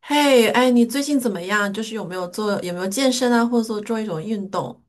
嘿，哎，你最近怎么样？就是有没有做，有没有健身啊，或者说做一种运动？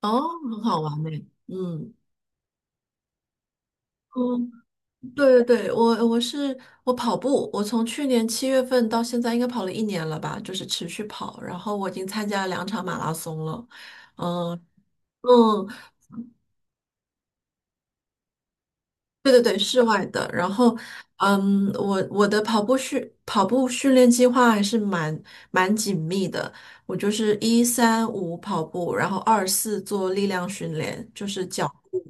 哦，很好玩呢。嗯嗯，对对对，我跑步，我从去年七月份到现在应该跑了1年了吧，就是持续跑，然后我已经参加了2场马拉松了。嗯嗯，对对对，室外的。然后，嗯，我的跑步训练计划还是蛮紧密的。我就是一三五跑步，然后二四做力量训练，就是脚步、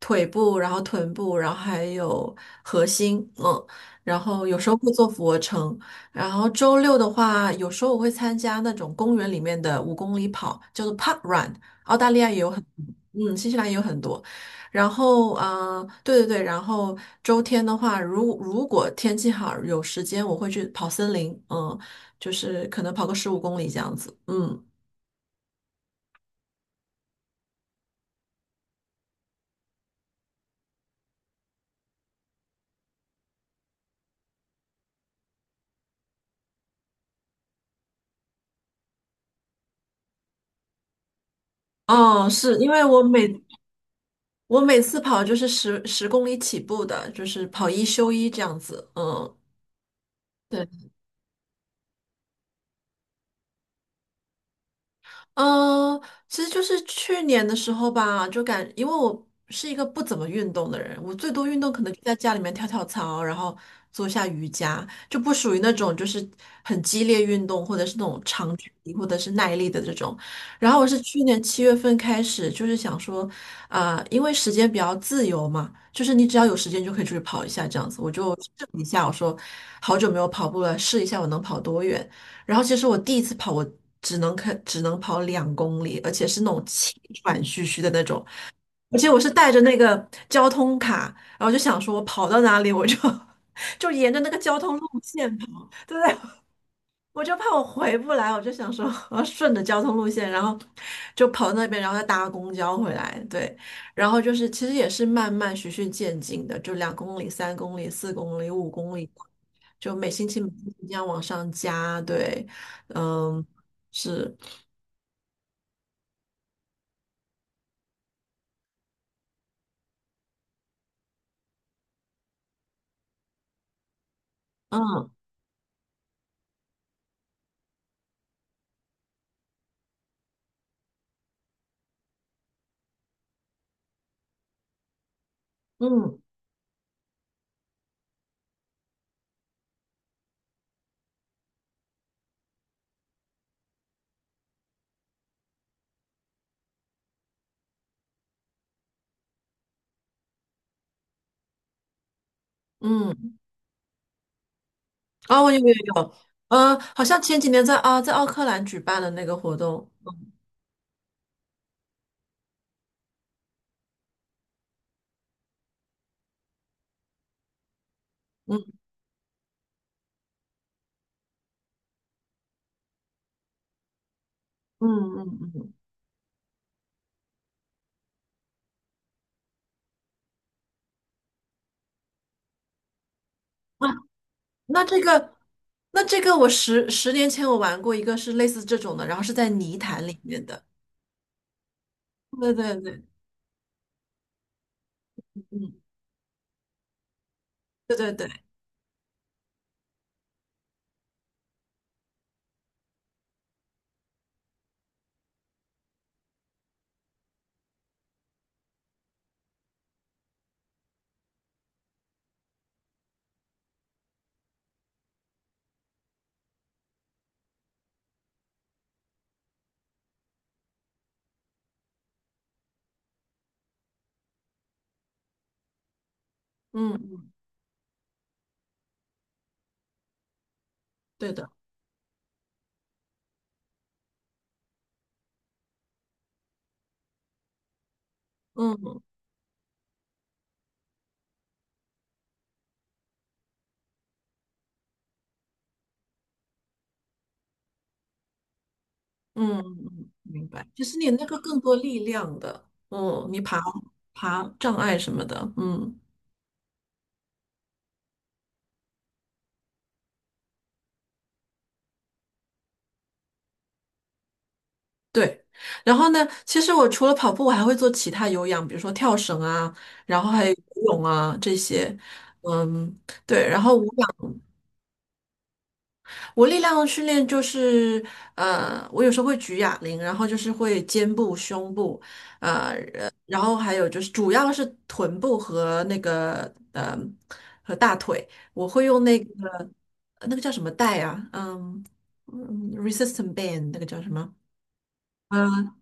腿部，然后臀部，然后还有核心，嗯，然后有时候会做俯卧撑。然后周六的话，有时候我会参加那种公园里面的5公里跑，叫做 Park Run，澳大利亚也有很，嗯，新西兰也有很多。然后，啊，对对对，然后周天的话，如果天气好有时间，我会去跑森林，嗯，就是可能跑个15公里这样子，嗯，哦，是因为我每次跑就是十公里起步的，就是跑一休一这样子，嗯，对。嗯，其实就是去年的时候吧，因为我是一个不怎么运动的人，我最多运动可能就在家里面跳跳操，然后做一下瑜伽，就不属于那种就是很激烈运动，或者是那种长距离或者是耐力的这种。然后我是去年七月份开始，就是想说，啊、因为时间比较自由嘛，就是你只要有时间就可以出去跑一下这样子，我就试了一下，我说好久没有跑步了，试一下我能跑多远。然后其实我第一次跑，我只能跑两公里，而且是那种气喘吁吁的那种，而且我是带着那个交通卡，然后就想说我跑到哪里我就 就沿着那个交通路线跑，对，我就怕我回不来，我就想说我要顺着交通路线，然后就跑到那边，然后再搭公交回来。对，然后就是其实也是慢慢循序渐进的，就2公里、3公里、4公里、5公里，就每星期每星期这样往上加。对，嗯，是，嗯嗯嗯，哦，我有有有，好像前几年在啊在奥克兰举办的那个活动，嗯嗯嗯嗯，嗯那这个，那这个，我十年前我玩过一个是类似这种的，然后是在泥潭里面的。对对对，嗯，对对对，嗯嗯，对的，嗯嗯嗯，明白。其实你那个更多力量的，嗯，爬障碍什么的，嗯，对。然后呢，其实我除了跑步，我还会做其他有氧，比如说跳绳啊，然后还有游泳啊这些，嗯，对。然后我。我力量的训练就是，我有时候会举哑铃，然后就是会肩部、胸部，然后还有就是主要是臀部和那个和大腿，我会用那个那个叫什么带啊，嗯嗯，resistant band 那个叫什么？嗯。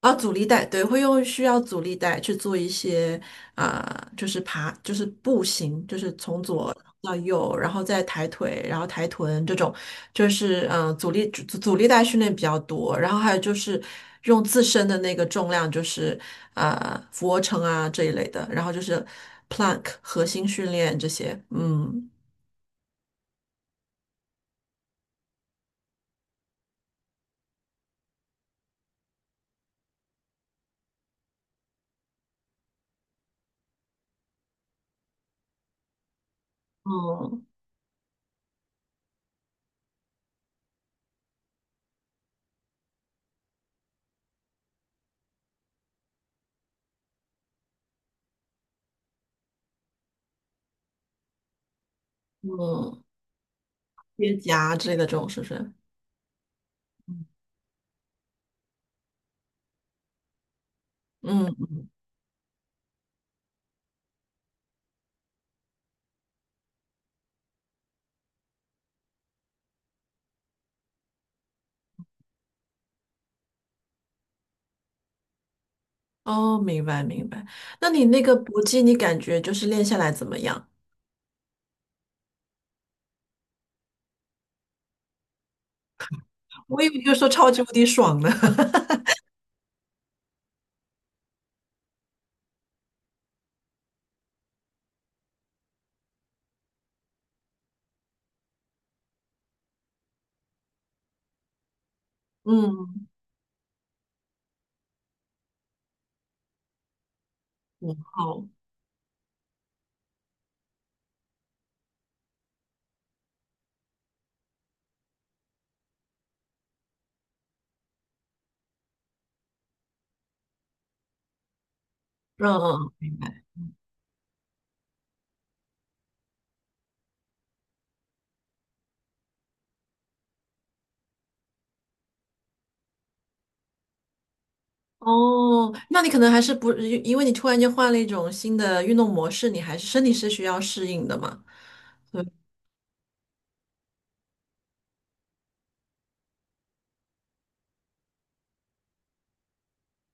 啊，阻力带，对，会用需要阻力带去做一些啊、就是爬，就是步行，就是从左到右，然后再抬腿，然后抬臀这种，就是嗯、阻力带训练比较多，然后还有就是用自身的那个重量，就是啊，俯卧撑啊这一类的，然后就是 plank 核心训练这些，嗯嗯嗯，接夹之类的这种是不是？嗯。哦，明白明白。那你那个搏击，你感觉就是练下来怎么样？我以为就说超级无敌爽呢。嗯，五号，嗯嗯，明白。哦，那你可能还是不，因为你突然间换了一种新的运动模式，你还是身体是需要适应的嘛。对，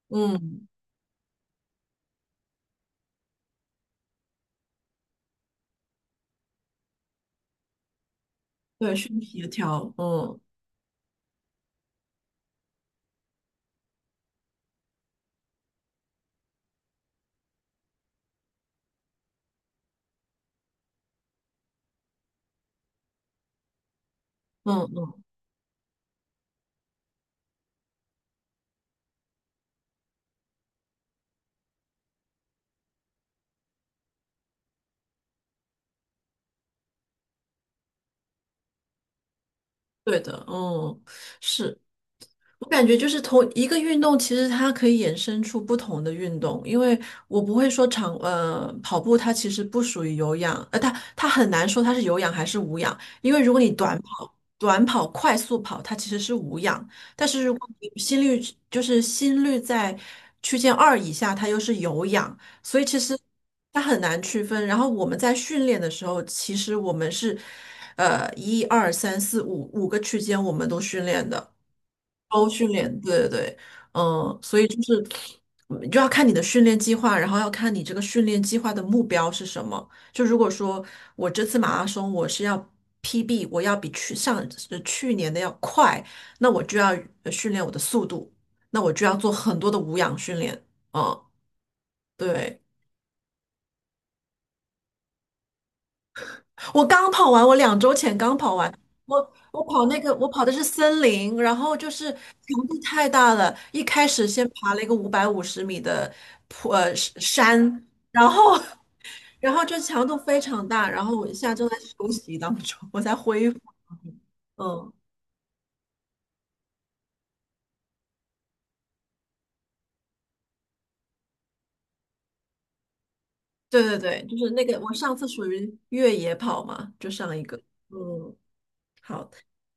嗯，对，身体协调，嗯嗯嗯，对的，嗯，是。我感觉就是同一个运动，其实它可以衍生出不同的运动，因为我不会说跑步，它其实不属于有氧，呃，它很难说它是有氧还是无氧，因为如果你短跑、快速跑，它其实是无氧，但是如果你心率在区间2以下，它又是有氧，所以其实它很难区分。然后我们在训练的时候，其实我们是，呃，一二三四五个区间我们都训练的，都训练，对对对，嗯，所以就是嗯就要看你的训练计划，然后要看你这个训练计划的目标是什么。就如果说我这次马拉松我是要 PB，我要比去去年的要快，那我就要训练我的速度，那我就要做很多的无氧训练，嗯。对，我刚跑完，我2周前刚跑完，我我跑的是森林，然后就是强度太大了，一开始先爬了一个550米的坡呃山，然后 然后就强度非常大，然后我现在正在休息当中，我在恢复。嗯，对对对，就是那个我上次属于越野跑嘛，就上一个，嗯，好，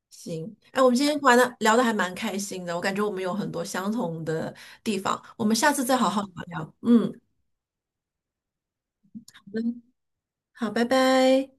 行，哎，我们今天玩的聊的还蛮开心的，我感觉我们有很多相同的地方，我们下次再好好聊聊。嗯，好的，好，拜拜。